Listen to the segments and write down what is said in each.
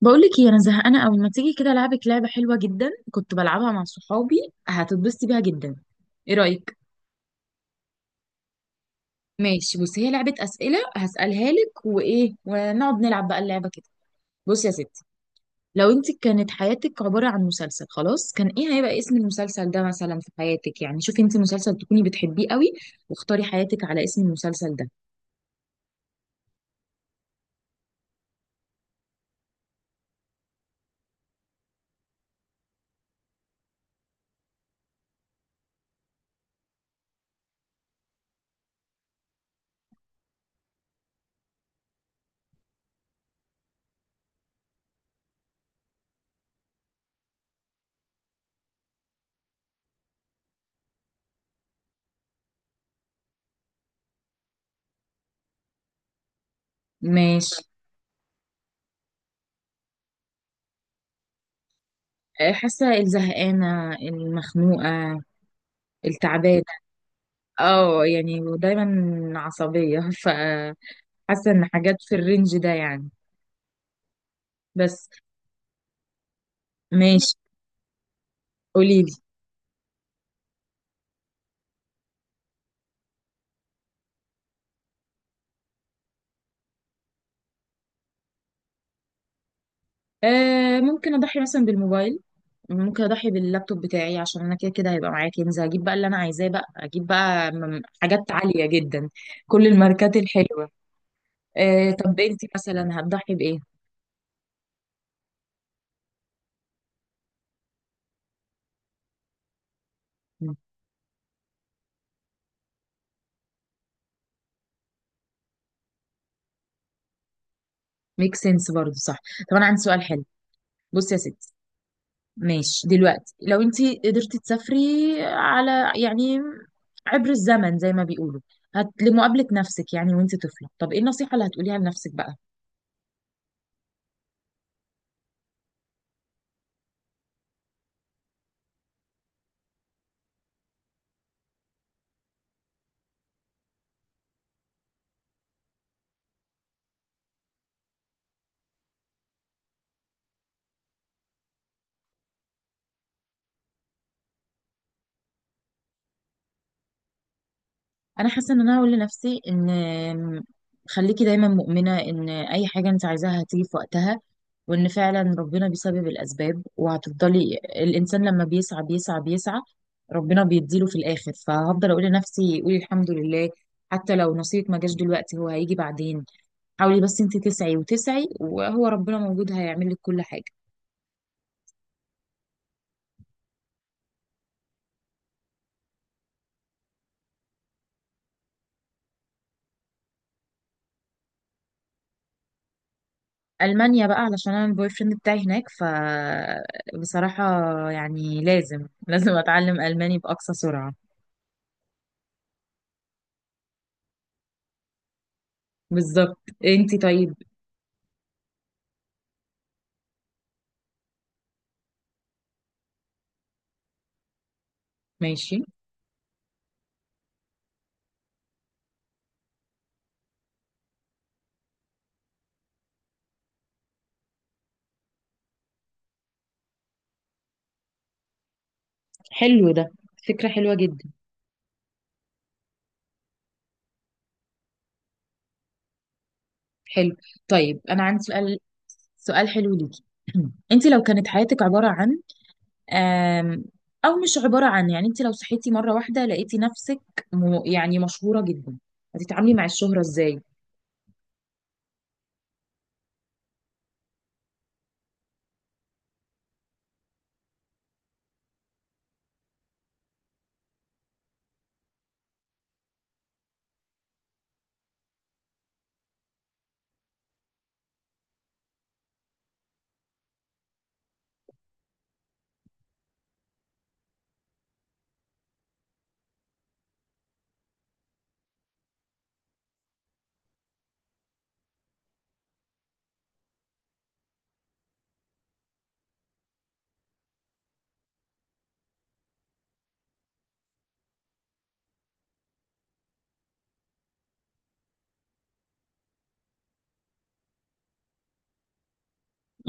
بقولك ايه؟ انا زهقانه قوي، ما تيجي كده العبك لعبه حلوه جدا كنت بلعبها مع صحابي. هتتبسطي بيها جدا. ايه رايك؟ ماشي، بصي هي لعبه اسئله هسالها لك وايه، ونقعد نلعب بقى اللعبه كده. بصي يا ستي، لو انت كانت حياتك عباره عن مسلسل خلاص، كان ايه هيبقى اسم المسلسل ده مثلا في حياتك؟ يعني شوفي انت مسلسل تكوني بتحبيه قوي واختاري حياتك على اسم المسلسل ده. ماشي. حاسه الزهقانه المخنوقه التعبانه. اه يعني، ودايما عصبيه ف حاسه ان حاجات في الرينج ده يعني. بس. ماشي، قولي لي. آه ممكن اضحي مثلا بالموبايل. ممكن اضحي باللابتوب بتاعي، عشان انا كده كده هيبقى معايا كنز، هجيب بقى اللي انا عايزاه، بقى اجيب بقى حاجات عاليه جدا. كل الماركات الحلوه. آه طب انت مثلا هتضحي بايه؟ ميك سنس برضه، صح. طب انا عندي سؤال حلو. بصي يا ستي، ماشي دلوقتي لو انت قدرتي تسافري على، يعني، عبر الزمن زي ما بيقولوا، لمقابلة نفسك يعني وانت طفلة، طب ايه النصيحة اللي هتقوليها لنفسك بقى؟ انا حاسة ان انا هقول لنفسي ان خليكي دايما مؤمنة ان اي حاجة انت عايزاها هتيجي في وقتها، وان فعلا ربنا بيسبب الاسباب، وهتفضلي الانسان لما بيسعى بيسعى بيسعى ربنا بيديله في الاخر. فهفضل اقول لنفسي قولي الحمد لله، حتى لو نصيبك ما جاش دلوقتي هو هيجي بعدين. حاولي بس انت تسعي وتسعي وهو ربنا موجود هيعمل لك كل حاجه. المانيا بقى علشان انا البوي فريند بتاعي هناك، ف بصراحه يعني لازم اتعلم الماني باقصى سرعه. بالظبط. انت طيب؟ ماشي. حلو ده، فكره حلوه جدا. حلو. طيب انا عندي سؤال، سؤال حلو ليكي. انت لو كانت حياتك عباره عن آم، او مش عباره عن يعني، انت لو صحيتي مره واحده لقيتي نفسك، يعني مشهوره جدا، هتتعاملي مع الشهره ازاي؟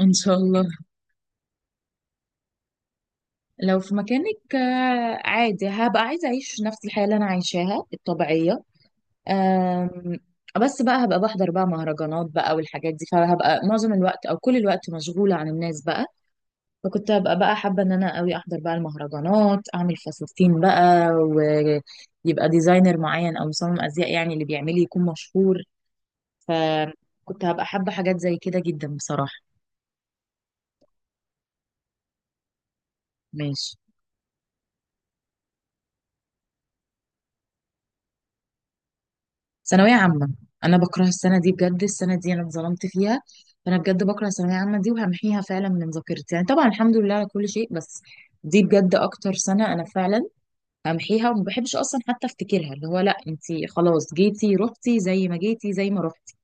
ان شاء الله. لو في مكانك، عادي هبقى عايزة أعيش نفس الحياة اللي أنا عايشاها الطبيعية. آم، بس بقى هبقى بحضر بقى مهرجانات بقى والحاجات دي، فهبقى معظم الوقت أو كل الوقت مشغولة عن الناس بقى. فكنت هبقى بقى حابة إن أنا أوي أحضر بقى المهرجانات، أعمل فساتين بقى ويبقى ديزاينر معين أو مصمم أزياء يعني اللي بيعملي يكون مشهور. فكنت هبقى حابة حاجات زي كده جدا بصراحة. ماشي. ثانوية عامة. أنا بكره السنة دي بجد، السنة دي أنا اتظلمت فيها. فأنا بجد بكره الثانوية عامة دي وهمحيها فعلا من ذاكرتي. يعني طبعا الحمد لله على كل شيء، بس دي بجد أكتر سنة أنا فعلا همحيها وما بحبش أصلا حتى أفتكرها. اللي هو لأ أنتي خلاص جيتي رحتي، زي ما جيتي زي ما رحتي،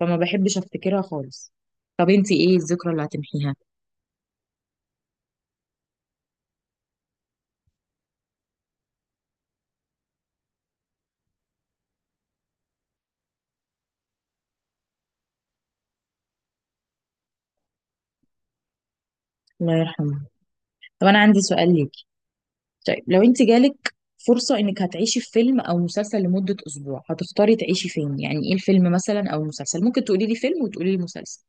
فما بحبش أفتكرها خالص. طب أنتي إيه الذكرى اللي هتمحيها؟ الله يرحمه. طب أنا عندي سؤال ليك. طيب لو انت جالك فرصة انك هتعيشي في فيلم او مسلسل لمدة اسبوع، هتختاري تعيشي فين؟ يعني ايه الفيلم مثلا او المسلسل؟ ممكن تقولي لي فيلم وتقولي لي مسلسل.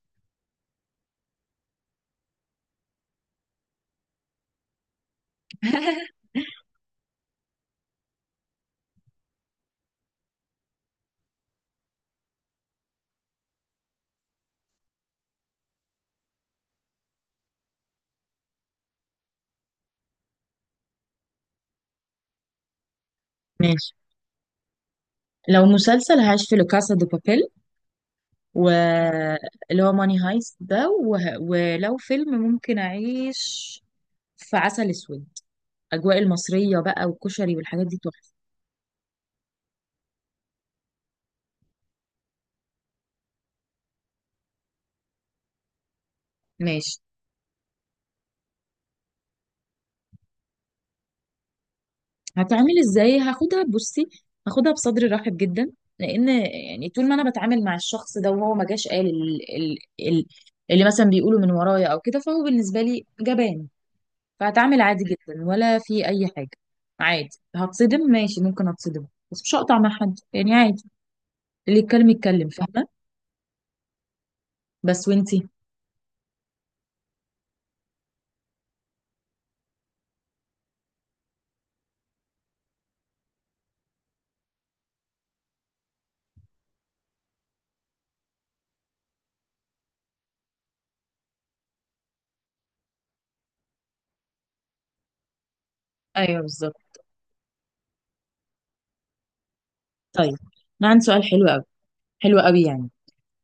ماشي، لو مسلسل هعيش في لوكاسا دو بابيل، واللي هو ماني هايست ده. ولو فيلم ممكن اعيش في عسل اسود، اجواء المصرية بقى والكشري والحاجات دي تحفة. ماشي. هتعمل ازاي؟ هاخدها، بصي، هاخدها بصدر رحب جدا، لان يعني طول ما انا بتعامل مع الشخص ده وهو ما جاش قال اللي مثلا بيقوله من ورايا او كده، فهو بالنسبه لي جبان. فهتعامل عادي جدا ولا في اي حاجه. عادي. هتصدم، ماشي ممكن اتصدم، بس مش هقطع مع حد يعني، عادي. اللي يتكلم يتكلم، فاهمه. بس وانتي؟ ايوه بالظبط. طيب انا عندي سؤال حلو قوي، حلو قوي يعني.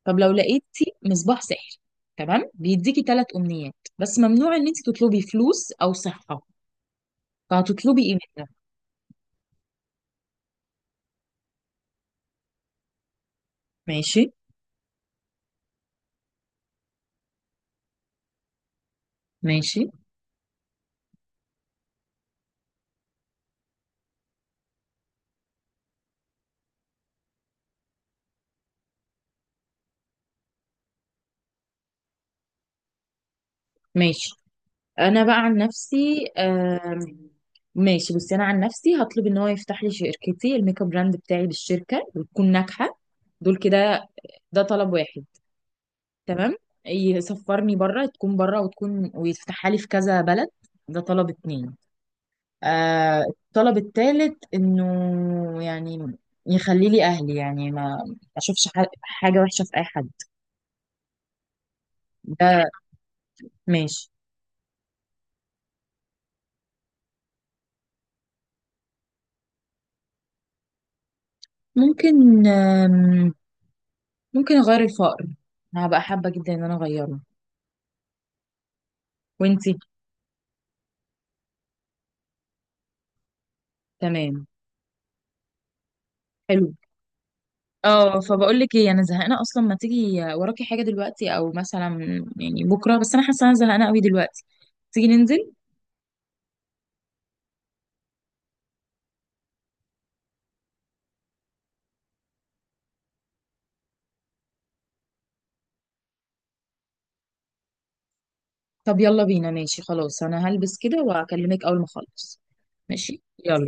طب لو لقيتي مصباح سحر، تمام، بيديكي ثلاث امنيات، بس ممنوع ان انت تطلبي فلوس او صحه، فهتطلبي ايه منها؟ ماشي. ماشي. ماشي. انا بقى عن نفسي ماشي بصي، انا عن نفسي هطلب ان هو يفتح لي شركتي الميك اب براند بتاعي بالشركه وتكون ناجحه. دول كده. ده طلب واحد. تمام، يسفرني بره، تكون بره، وتكون ويفتحها لي في كذا بلد. ده طلب اتنين. آه الطلب الثالث انه يعني يخلي لي اهلي، يعني ما حاجة وحشة في اي حد. ده. ماشي. ممكن، ممكن اغير الفقر. انا هبقى حابة جدا ان انا اغيره. وانتي؟ تمام. حلو. اه فبقول لك ايه، انا زهقانه اصلا، ما تيجي وراكي حاجه دلوقتي او مثلا يعني بكره؟ بس انا حاسه انا زهقانه قوي دلوقتي. تيجي ننزل؟ طب يلا بينا، ماشي خلاص، انا هلبس كده واكلمك اول ما اخلص. ماشي يلا.